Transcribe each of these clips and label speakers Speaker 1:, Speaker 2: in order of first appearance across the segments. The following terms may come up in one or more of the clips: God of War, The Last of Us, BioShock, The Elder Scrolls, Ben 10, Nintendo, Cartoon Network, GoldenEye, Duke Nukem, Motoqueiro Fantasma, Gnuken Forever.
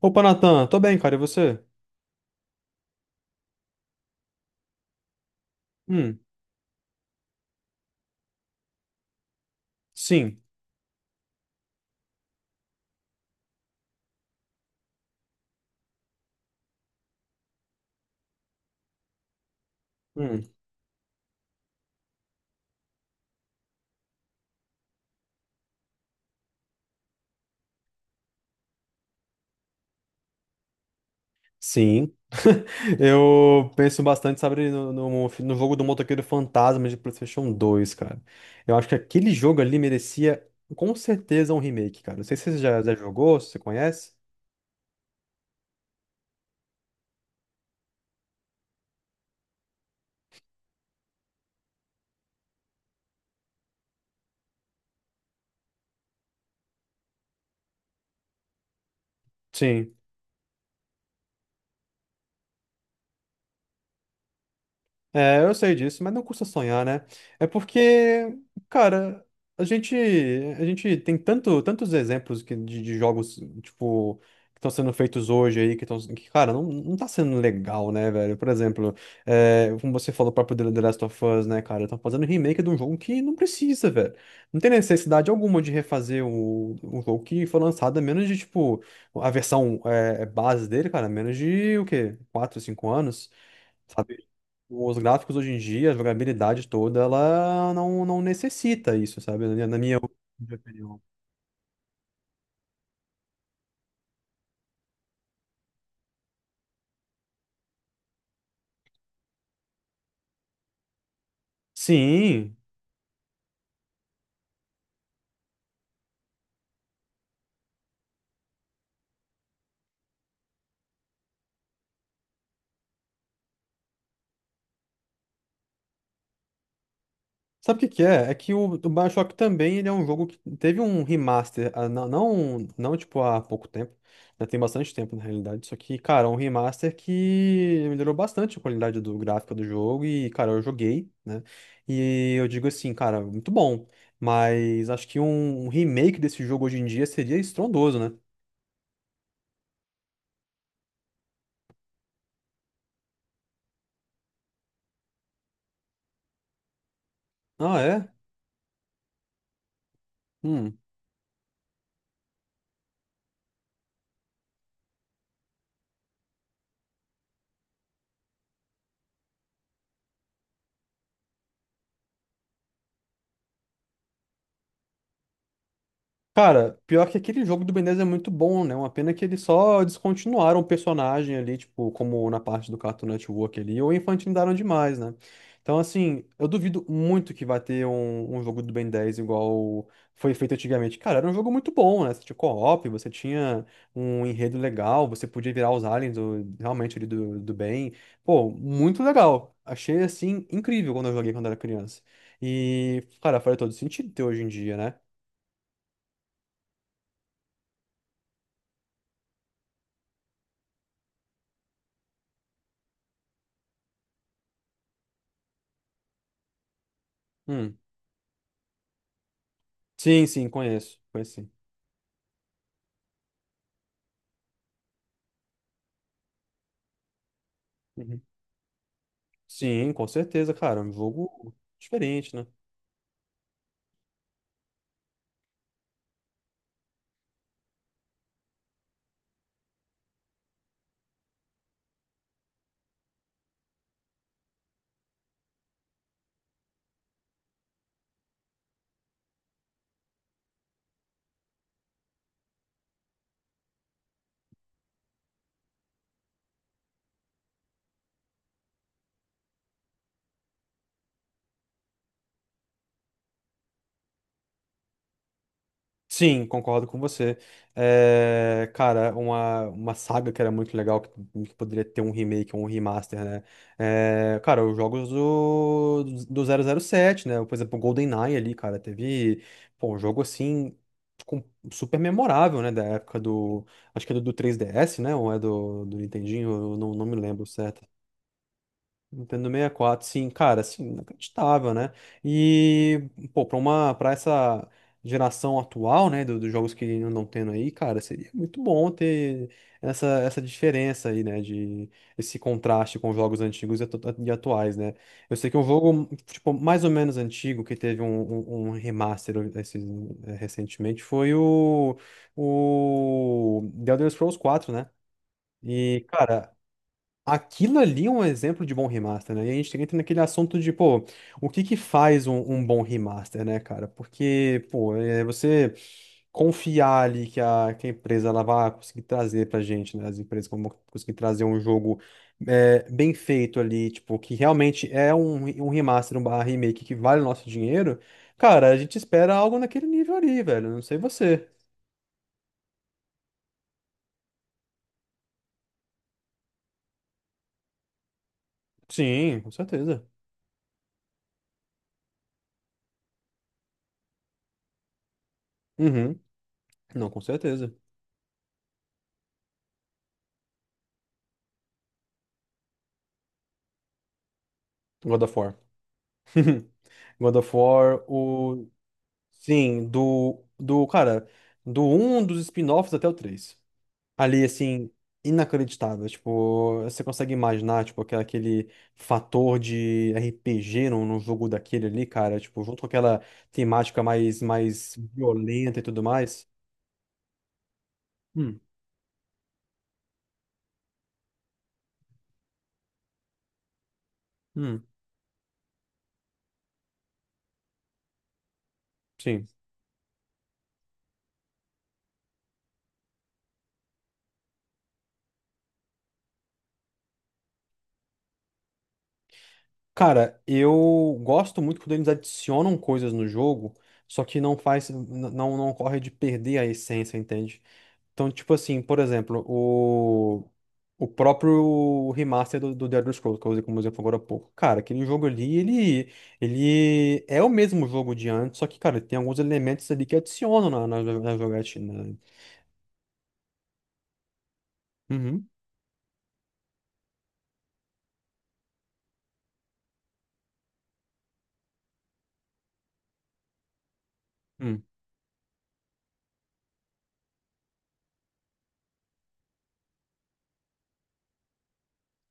Speaker 1: Opa, Natan, tô bem, cara, e você? Hum, sim. Hum, sim. Eu penso bastante, sabe, no jogo do Motoqueiro Fantasma de PlayStation 2, cara. Eu acho que aquele jogo ali merecia, com certeza, um remake, cara. Não sei se você já jogou, se você conhece. Sim. É, eu sei disso, mas não custa sonhar, né? É porque, cara, a gente, a gente tem tanto, tantos exemplos que, de jogos, tipo, que estão sendo feitos hoje aí, que estão, que, cara, não tá sendo legal, né, velho? Por exemplo, como você falou, o próprio The Last of Us, né, cara? Estão fazendo remake de um jogo que não precisa, velho. Não tem necessidade alguma de refazer o jogo que foi lançado, a menos de, tipo, a versão base dele, cara, a menos de, o quê? Quatro, 5 anos? Sabe? Os gráficos hoje em dia, a jogabilidade toda, ela não necessita isso, sabe? Na minha opinião. Sim. Sabe o que que é? É que o BioShock também ele é um jogo que teve um remaster, ah, não tipo há pouco tempo, já tem bastante tempo na realidade, só que, cara, é um remaster que melhorou bastante a qualidade do gráfico do jogo e, cara, eu joguei, né? E eu digo assim, cara, muito bom, mas acho que um remake desse jogo hoje em dia seria estrondoso, né? Ah, é? Hum. Cara, pior que aquele jogo do Ben 10 é muito bom, né? Uma pena que eles só descontinuaram o personagem ali, tipo, como na parte do Cartoon Network ali, ou infantilizaram demais, né? Então, assim, eu duvido muito que vai ter um, um jogo do Ben 10 igual foi feito antigamente. Cara, era um jogo muito bom, né? Você tinha co-op, você tinha um enredo legal, você podia virar os aliens do- realmente ali do Ben. Pô, muito legal. Achei, assim, incrível quando eu joguei quando era criança. E, cara, faz todo sentido ter hoje em dia, né? Hum. Sim, sim, conheço. Conheço sim. Uhum. Sim, com certeza, cara. É um jogo diferente, né? Sim, concordo com você. É, cara, uma saga que era muito legal, que poderia ter um remake ou um remaster, né? É, cara, os jogos do 007, né? Por exemplo, o GoldenEye ali, cara, teve, pô, um jogo assim, com- super memorável, né? Da época do, acho que é do 3DS, né? Ou é do Nintendinho, eu não me lembro certo. Nintendo 64, sim, cara, assim, inacreditável, né? E, pô, pra uma, pra essa geração atual, né, do- dos jogos que andam tendo aí, cara, seria muito bom ter essa, essa diferença aí, né, de esse contraste com os jogos antigos e atu- e atuais, né? Eu sei que é um jogo, tipo, mais ou menos antigo, que teve um, um, um remaster esses- eh, recentemente, foi o The Elder Scrolls 4, né? E, cara, aquilo ali é um exemplo de bom remaster, né? E a gente entra naquele assunto de, pô, o que que faz um, um bom remaster, né, cara? Porque, pô, é você confiar ali que que a empresa ela vai conseguir trazer pra gente, né? As empresas vão conseguir trazer um jogo bem feito ali, tipo, que realmente é um, um remaster, um barra remake que vale o nosso dinheiro. Cara, a gente espera algo naquele nível ali, velho. Não sei você. Sim, com certeza. Uhum. Não, com certeza. God of War. God of War, o. Sim, do. Do, cara, do um dos spin-offs até o três. Ali, assim, inacreditável. Tipo, você consegue imaginar, tipo, aquela- aquele fator de RPG num, num jogo daquele ali, cara. Tipo, junto com aquela temática mais, mais violenta e tudo mais. Hum, hum, sim. Cara, eu gosto muito quando eles adicionam coisas no jogo, só que não faz, n- não corre de perder a essência, entende? Então, tipo assim, por exemplo, o próprio remaster do The Elder Scrolls, que eu usei como exemplo agora há pouco. Cara, aquele jogo ali, ele é o mesmo jogo de antes, só que, cara, tem alguns elementos ali que adicionam na jogatina. Uhum. Hum.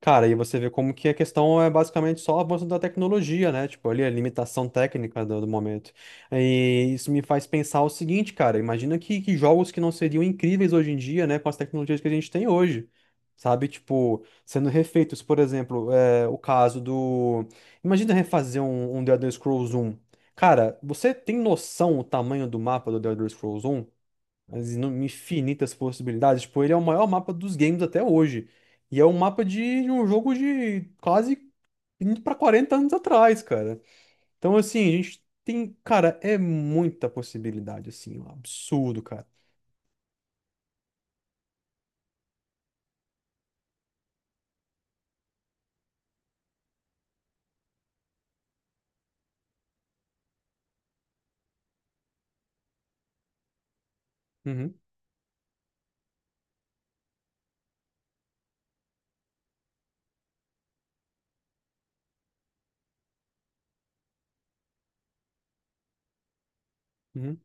Speaker 1: Cara, e você vê como que a questão é basicamente só o avanço da tecnologia, né? Tipo, ali a limitação técnica do momento. E isso me faz pensar o seguinte, cara, imagina que jogos que não seriam incríveis hoje em dia, né, com as tecnologias que a gente tem hoje, sabe? Tipo, sendo refeitos, por exemplo, é, o caso do... Imagina refazer um, um The Elder Scrolls 1. Cara, você tem noção o tamanho do mapa do The Elder Scrolls 1? As inu- infinitas possibilidades. Tipo, ele é o maior mapa dos games até hoje. E é um mapa de um jogo de quase indo pra 40 anos atrás, cara. Então, assim, a gente tem. Cara, é muita possibilidade, assim. Um absurdo, cara. Uhum, uhum,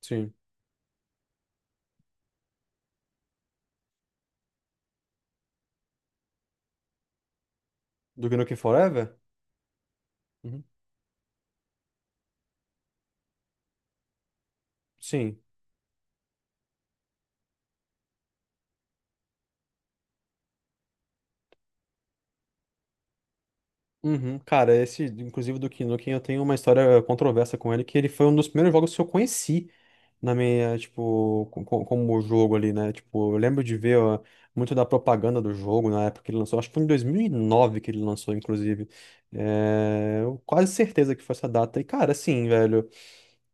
Speaker 1: sim. Do Gnuken Forever? Uhum, sim. Uhum. Cara, esse, inclusive, do Gnuken, eu tenho uma história controversa com ele, que ele foi um dos primeiros jogos que eu conheci na minha, tipo, co- co- como o jogo ali, né? Tipo, eu lembro de ver ó, muito da propaganda do jogo na época que ele lançou. Acho que foi em 2009 que ele lançou, inclusive. É, eu quase certeza que foi essa data. E, cara, assim, velho,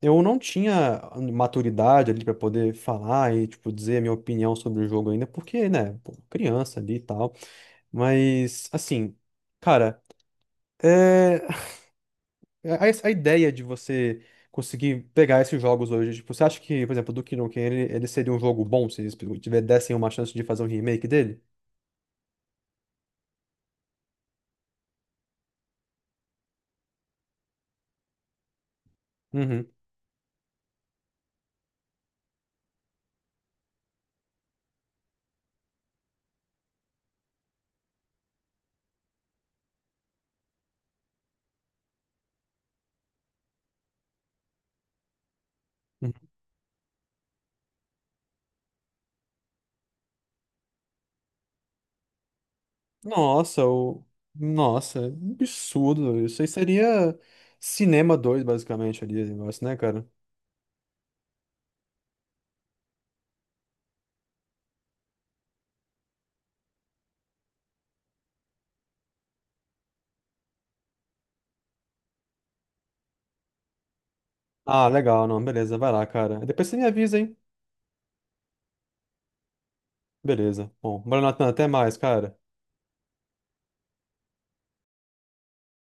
Speaker 1: eu não tinha maturidade ali pra poder falar e, tipo, dizer a minha opinião sobre o jogo ainda, porque, né, pô, criança ali e tal. Mas, assim, cara. É, a, a ideia de você conseguir pegar esses jogos hoje, tipo, você acha que, por exemplo, do Duke Nukem, ele seria um jogo bom se eles tiver- dessem uma chance de fazer um remake dele? Uhum. Uhum. Nossa, o... Nossa, absurdo. Isso aí seria Cinema 2 basicamente, ali, esse negócio, né, cara? Ah, legal, não, beleza, vai lá, cara. Depois você me avisa, hein? Beleza. Bom, bora, até mais, cara.